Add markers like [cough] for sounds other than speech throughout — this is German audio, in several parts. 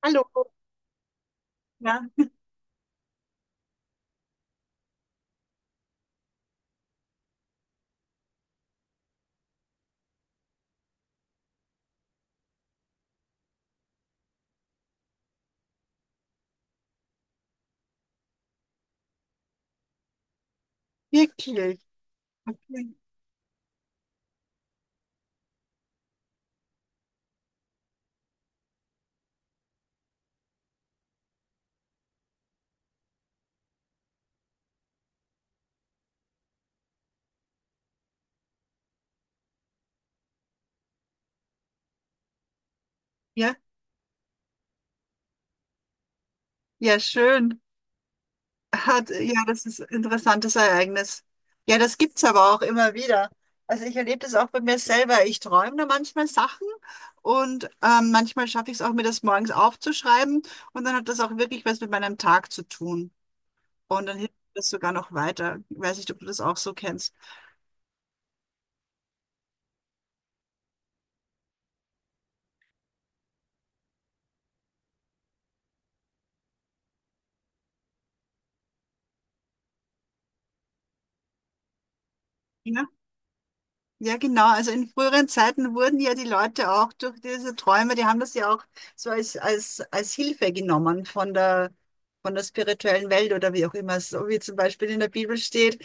Hallo, ja, wirklich. Okay. Ja, ja, schön. Hat, ja, das ist ein interessantes Ereignis. Ja, das gibt's aber auch immer wieder. Also ich erlebe das auch bei mir selber. Ich träume da manchmal Sachen und manchmal schaffe ich es auch, mir das morgens aufzuschreiben. Und dann hat das auch wirklich was mit meinem Tag zu tun. Und dann hilft mir das sogar noch weiter. Ich weiß nicht, ob du das auch so kennst. Ja? Ja, genau. Also in früheren Zeiten wurden ja die Leute auch durch diese Träume, die haben das ja auch so als Hilfe genommen von der spirituellen Welt oder wie auch immer, so wie zum Beispiel in der Bibel steht,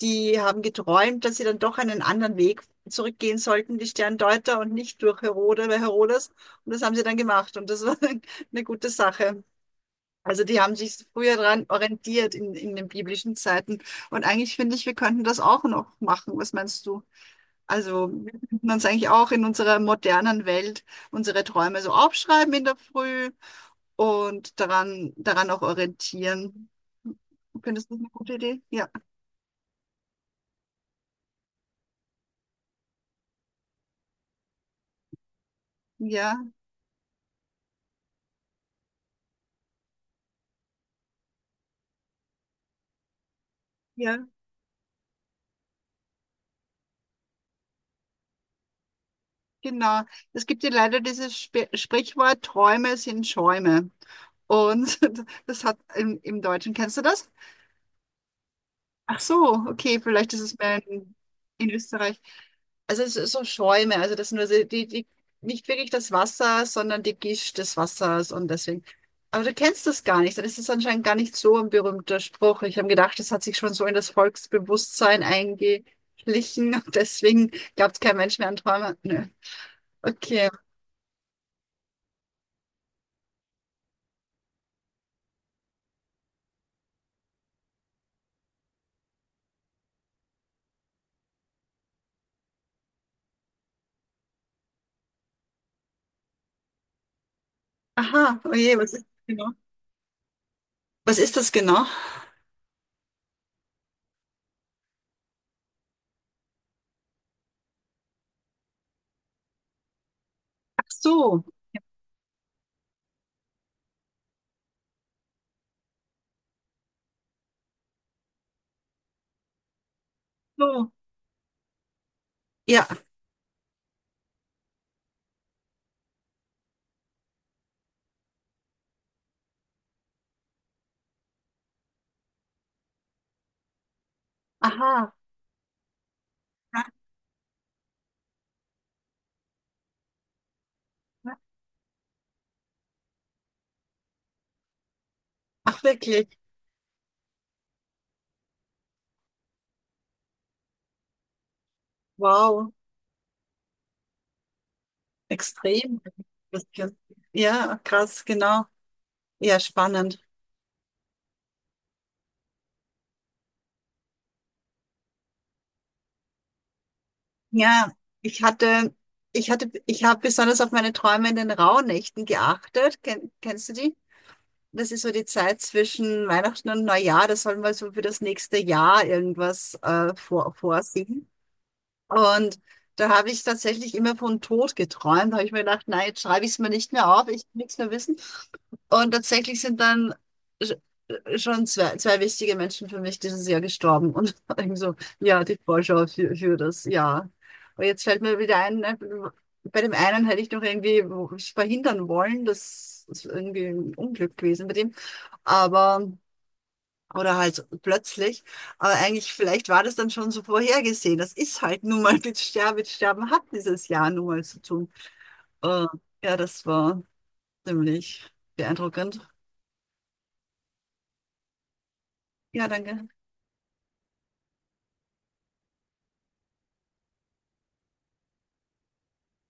die haben geträumt, dass sie dann doch einen anderen Weg zurückgehen sollten, die Sterndeuter und nicht durch Herode oder Herodes. Und das haben sie dann gemacht und das war [laughs] eine gute Sache. Also die haben sich früher daran orientiert in den biblischen Zeiten. Und eigentlich finde ich, wir könnten das auch noch machen. Was meinst du? Also wir könnten uns eigentlich auch in unserer modernen Welt unsere Träume so aufschreiben in der Früh und daran auch orientieren. Findest du das eine gute Idee? Ja, ja, ja, genau. Es gibt ja leider dieses Sp Sprichwort, Träume sind Schäume. Und [laughs] das hat im Deutschen, kennst du das? Ach so, okay, vielleicht ist es mehr in Österreich. Also es ist so Schäume, also das sind nur so die nicht wirklich das Wasser, sondern die Gischt des Wassers und deswegen. Aber du kennst das gar nicht, dann ist es anscheinend gar nicht so ein berühmter Spruch. Ich habe gedacht, das hat sich schon so in das Volksbewusstsein eingeschlichen und deswegen glaubt kein Mensch mehr an Träume. Nö. Okay. Aha, oh je, was ist das genau? Was ist das genau? Ach so, so. Ja, aha. Ach wirklich? Wow. Extrem. Ja, krass, genau. Ja, spannend. Ja, ich hatte, ich habe besonders auf meine Träume in den Rauhnächten geachtet. Kennst du die? Das ist so die Zeit zwischen Weihnachten und Neujahr. Da soll man so für das nächste Jahr irgendwas vorsingen. Und da habe ich tatsächlich immer von Tod geträumt. Da habe ich mir gedacht, nein, jetzt schreibe ich es mir nicht mehr auf, ich will nichts mehr wissen. Und tatsächlich sind dann sch- schon zwei, zwei wichtige Menschen für mich dieses Jahr gestorben. Und [laughs] irgendwie so, ja, die Vorschau für das Jahr. Und jetzt fällt mir wieder ein, ne, bei dem einen hätte ich noch irgendwie verhindern wollen, dass es irgendwie ein Unglück gewesen bei dem. Aber. Oder halt plötzlich. Aber eigentlich, vielleicht war das dann schon so vorhergesehen. Das ist halt nun mal mit Sterben hat dieses Jahr nun mal zu tun. Äh, ja, das war ziemlich beeindruckend. Ja, danke.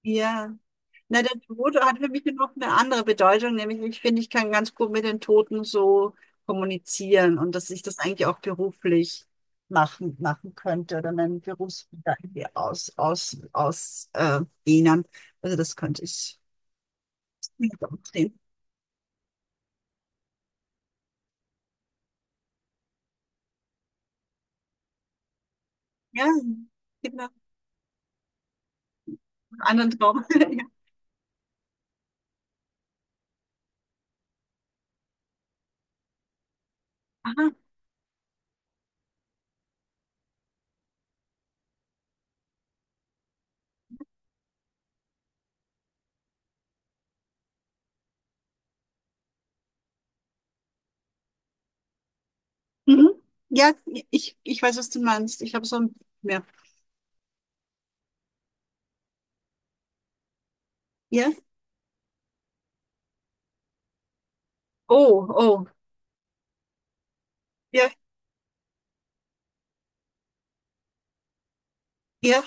Ja. Na, der Tod hat für mich noch eine andere Bedeutung, nämlich ich finde, ich kann ganz gut mit den Toten so kommunizieren und dass ich das eigentlich auch beruflich machen könnte oder meinen Berufsbild da irgendwie aus dehnen. Also das könnte ich. Ja, genau. Einen anderen Traum. [laughs] Ja. Aha. Mhm. Ja, ich weiß, was du meinst. Ich habe so ein, mehr. Ja? Oh, oh. Ja, ja.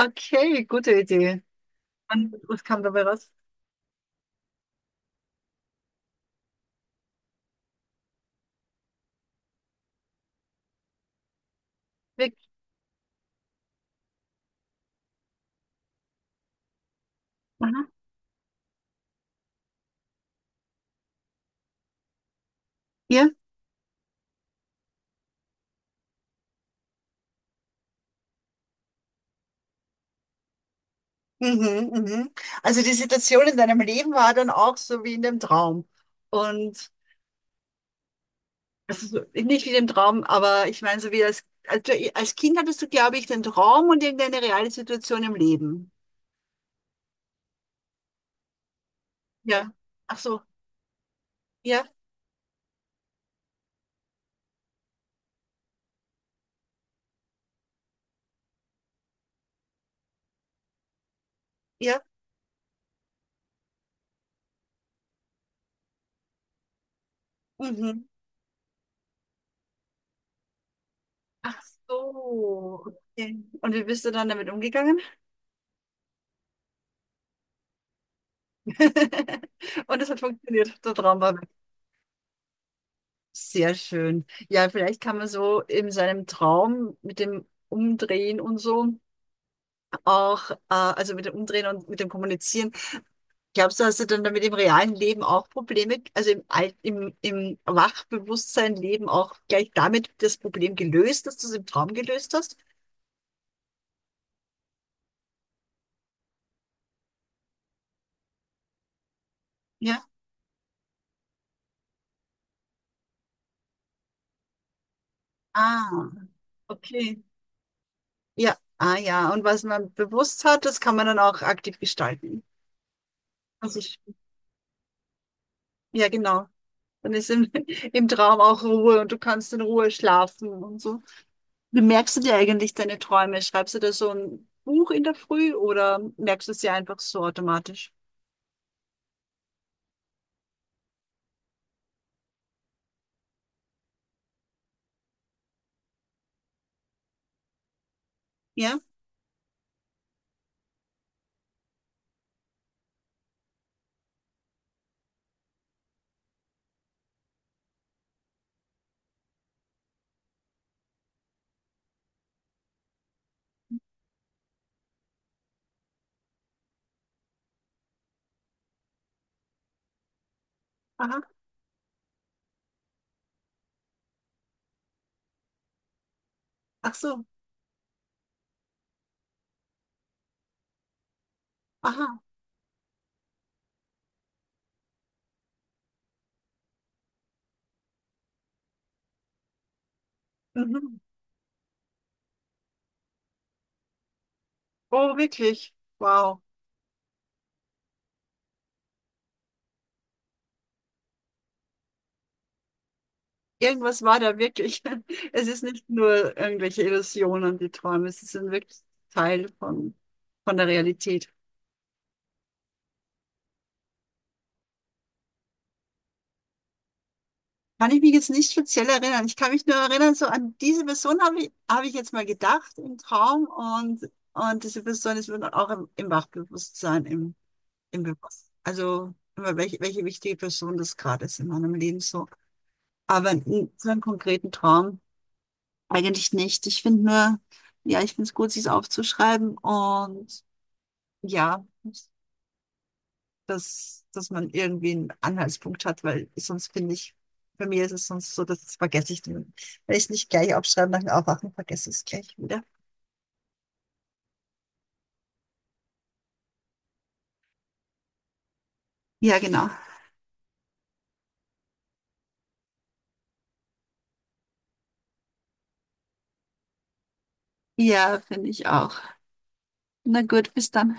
Okay, gute Idee. Und was kam dabei raus? Weg. Aha. Ja. Mhm, mhm. Also die Situation in deinem Leben war dann auch so wie in dem Traum. Und also nicht wie im Traum, aber ich meine, so wie als als Kind hattest du, glaube ich, den Traum und irgendeine reale Situation im Leben. Ja. Ach so. Ja, ja. Mhm. Ach so. Okay. Und wie bist du dann damit umgegangen? [laughs] Und es hat funktioniert. Der Traum war weg. Sehr schön. Ja, vielleicht kann man so in seinem Traum mit dem Umdrehen und so auch, also mit dem Umdrehen und mit dem Kommunizieren. Glaubst du, hast du dann damit im realen Leben auch Probleme, also im Wachbewusstsein Leben auch gleich damit das Problem gelöst, dass du es im Traum gelöst hast? Ja. Ah, okay. Ja, ah ja. Und was man bewusst hat, das kann man dann auch aktiv gestalten. Also ich, ja, genau. Dann ist im, [laughs] im Traum auch Ruhe und du kannst in Ruhe schlafen und so. Wie merkst du dir eigentlich deine Träume? Schreibst du da so ein Buch in der Früh oder merkst du sie einfach so automatisch? Ja? Aha. Ach so. Aha. Mhm. Oh, wirklich. Wow. Irgendwas war da wirklich. [laughs] Es ist nicht nur irgendwelche Illusionen, die Träume. Es ist ein wirklich Teil von der Realität. Kann ich mich jetzt nicht speziell erinnern. Ich kann mich nur erinnern, so an diese Person habe ich jetzt mal gedacht im Traum und diese Person ist mir dann auch im Wachbewusstsein, im, im Bewusstsein. Also immer welche, welche wichtige Person das gerade ist in meinem Leben so. Aber so einen konkreten Traum eigentlich nicht. Ich finde nur, ja, ich finde es gut, sich aufzuschreiben und ja. Dass, dass man irgendwie einen Anhaltspunkt hat, weil sonst finde ich, bei mir ist es sonst so, das vergesse ich dann. Wenn ich es nicht gleich aufschreibe nach dem Aufwachen, vergesse ich es gleich wieder. Ja, genau. Ja, finde ich auch. Na gut, bis dann.